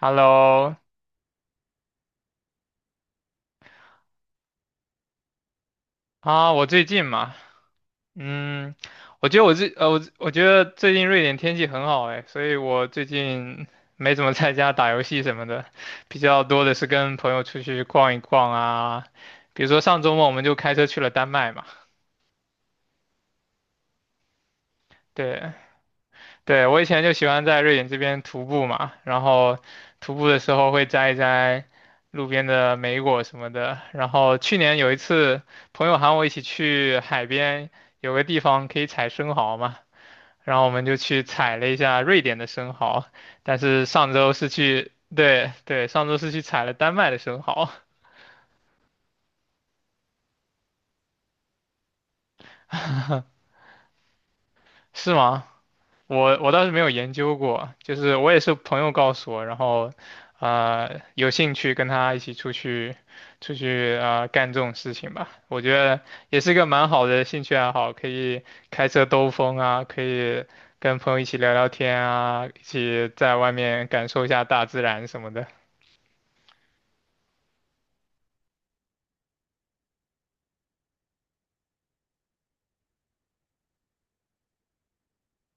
Hello，啊，我最近嘛，嗯，我觉得最近瑞典天气很好哎，所以我最近没怎么在家打游戏什么的，比较多的是跟朋友出去逛一逛啊，比如说上周末我们就开车去了丹麦嘛，对，对，我以前就喜欢在瑞典这边徒步嘛，然后徒步的时候会摘一摘路边的莓果什么的。然后去年有一次，朋友喊我一起去海边，有个地方可以采生蚝嘛，然后我们就去采了一下瑞典的生蚝。但是上周是去，对对，上周是去采了丹麦的生蚝，是吗？我倒是没有研究过，就是我也是朋友告诉我，然后，有兴趣跟他一起出去啊干这种事情吧。我觉得也是个蛮好的兴趣爱好，可以开车兜风啊，可以跟朋友一起聊聊天啊，一起在外面感受一下大自然什么的。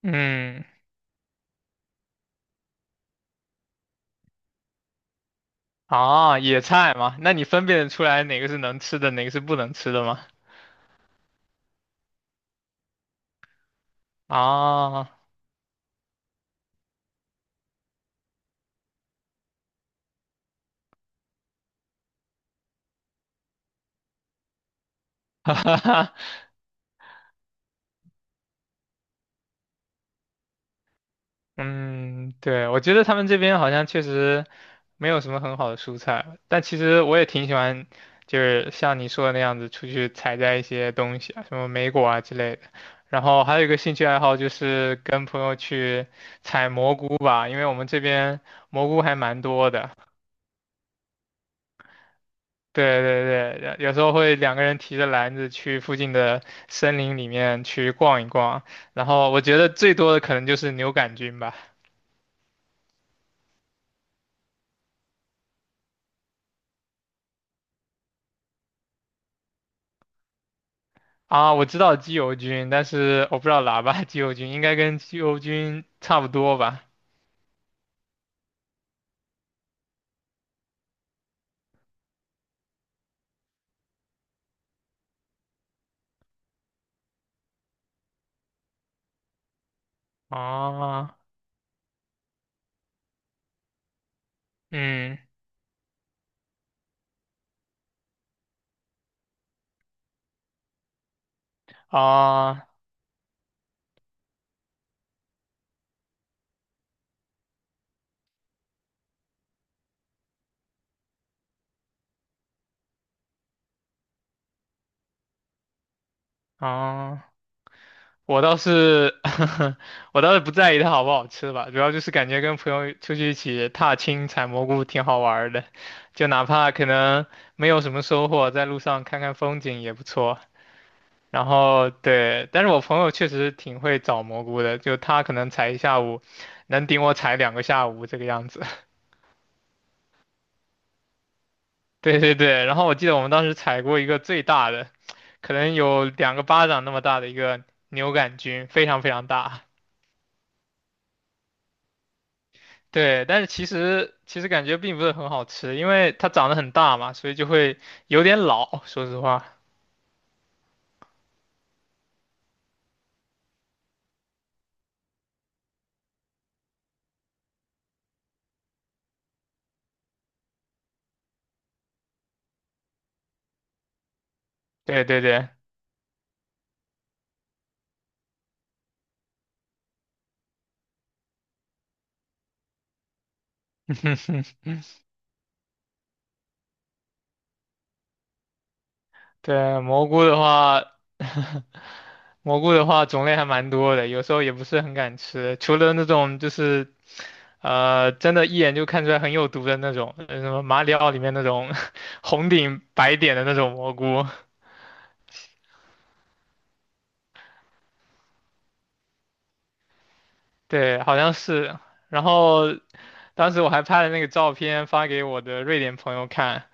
嗯，啊，野菜嘛，那你分辨得出来哪个是能吃的，哪个是不能吃的吗？啊，哈哈。嗯，对，我觉得他们这边好像确实没有什么很好的蔬菜，但其实我也挺喜欢，就是像你说的那样子，出去采摘一些东西啊，什么莓果啊之类的。然后还有一个兴趣爱好就是跟朋友去采蘑菇吧，因为我们这边蘑菇还蛮多的。对对对，有时候会两个人提着篮子去附近的森林里面去逛一逛，然后我觉得最多的可能就是牛肝菌吧。啊，我知道鸡油菌，但是我不知道喇叭 鸡油菌，应该跟鸡油菌差不多吧？啊，嗯，啊啊，我倒是 我倒是不在意它好不好吃吧，主要就是感觉跟朋友出去一起踏青采蘑菇挺好玩儿的，就哪怕可能没有什么收获，在路上看看风景也不错。然后对，但是我朋友确实挺会找蘑菇的，就他可能采一下午，能顶我采两个下午这个样子。对对对，然后我记得我们当时采过一个最大的，可能有两个巴掌那么大的一个牛杆菌，非常非常大。对，但是其实感觉并不是很好吃，因为它长得很大嘛，所以就会有点老。说实话，对对对，对蘑菇的话，蘑菇的话种类还蛮多的，有时候也不是很敢吃，除了那种就是真的，一眼就看出来很有毒的那种，什么马里奥里面那种 红顶白点的那种蘑菇，对，好像是。然后当时我还拍了那个照片发给我的瑞典朋友看，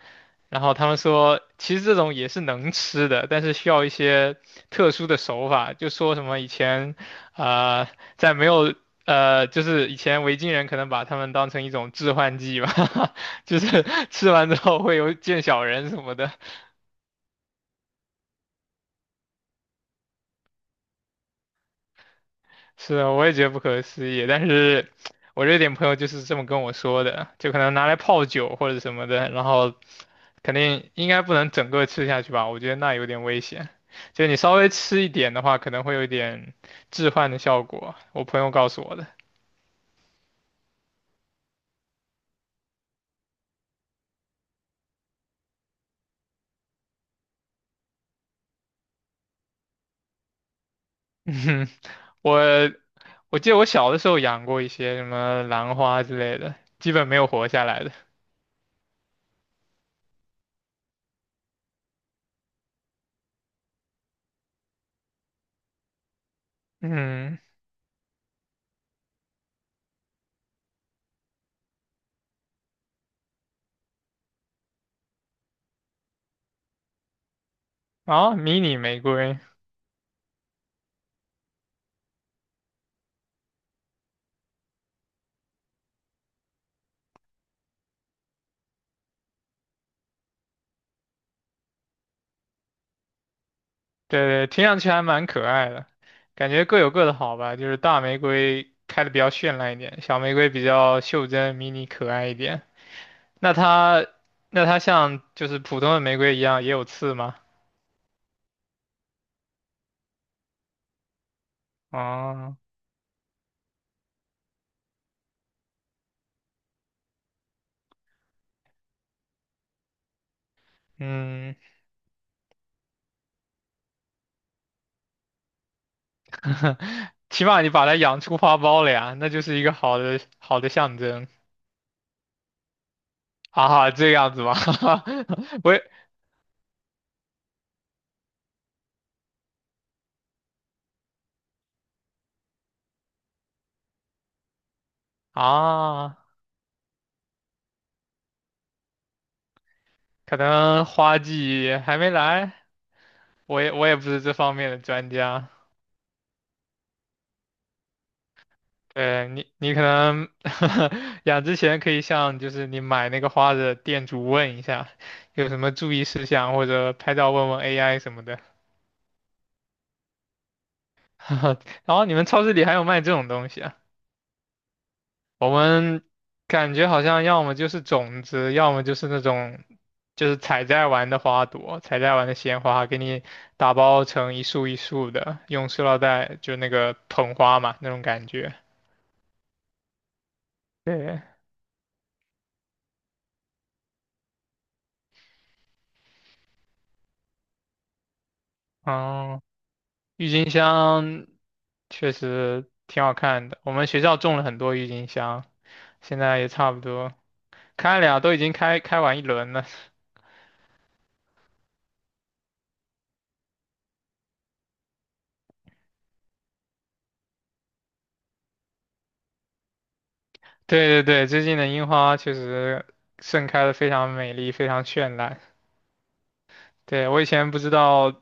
然后他们说，其实这种也是能吃的，但是需要一些特殊的手法，就说什么以前，呃，在没有。就是以前维京人可能把它们当成一种致幻剂吧，就是吃完之后会有见小人什么的。是啊，我也觉得不可思议，但是我这点朋友就是这么跟我说的，就可能拿来泡酒或者什么的，然后肯定应该不能整个吃下去吧，我觉得那有点危险。就你稍微吃一点的话，可能会有一点致幻的效果，我朋友告诉我的。嗯哼我我记得我小的时候养过一些什么兰花之类的，基本没有活下来的。嗯，啊，迷你玫瑰，对，对，听上去还蛮可爱的，感觉各有各的好吧。就是大玫瑰开的比较绚烂一点，小玫瑰比较袖珍、迷你、可爱一点。那它，那它像就是普通的玫瑰一样也有刺吗？哦，嗯，起码你把它养出花苞了呀，那就是一个好的好的象征啊，这样子吧，我也啊，可能花季还没来，我也不是这方面的专家。你可能 养之前可以向就是你买那个花的店主问一下，有什么注意事项，或者拍照问问 AI 什么的。然后你们超市里还有卖这种东西啊？我们感觉好像要么就是种子，要么就是那种就是采摘完的花朵，采摘完的鲜花，给你打包成一束一束的，用塑料袋就那个捧花嘛那种感觉。对，哦、郁金香确实挺好看的，我们学校种了很多郁金香，现在也差不多开了呀，都已经开开完一轮了。对对对，最近的樱花确实盛开的非常美丽，非常绚烂。对，我以前不知道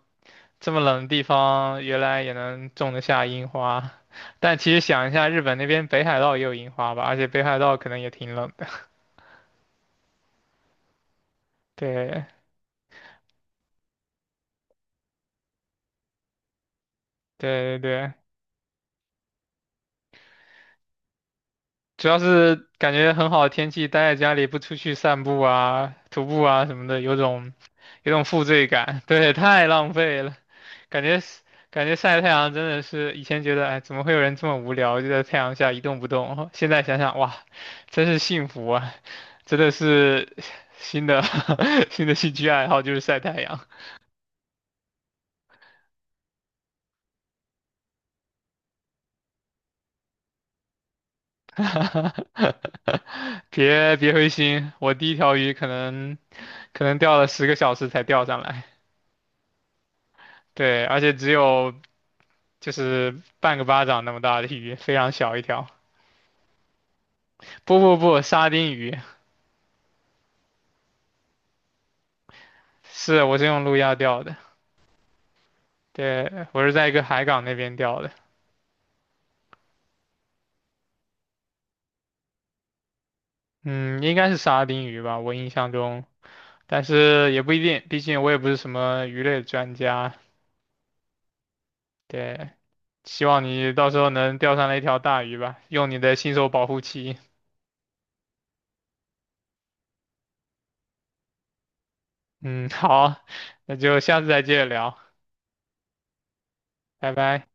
这么冷的地方原来也能种得下樱花，但其实想一下，日本那边北海道也有樱花吧，而且北海道可能也挺冷的。对对对对。主要是感觉很好的天气，待在家里不出去散步啊、徒步啊什么的，有种负罪感。对，太浪费了，感觉是感觉晒太阳真的是以前觉得，哎，怎么会有人这么无聊，就在太阳下一动不动？现在想想，哇，真是幸福啊！真的是新的 新的兴趣爱好就是晒太阳。别别灰心，我第一条鱼可能钓了10个小时才钓上来。对，而且只有就是半个巴掌那么大的鱼，非常小一条。不不不，沙丁鱼，是我是用路亚钓的，对，我是在一个海港那边钓的，嗯，应该是沙丁鱼吧，我印象中，但是也不一定，毕竟我也不是什么鱼类专家，对，希望你到时候能钓上来一条大鱼吧，用你的新手保护期，嗯，好，那就下次再接着聊，拜拜。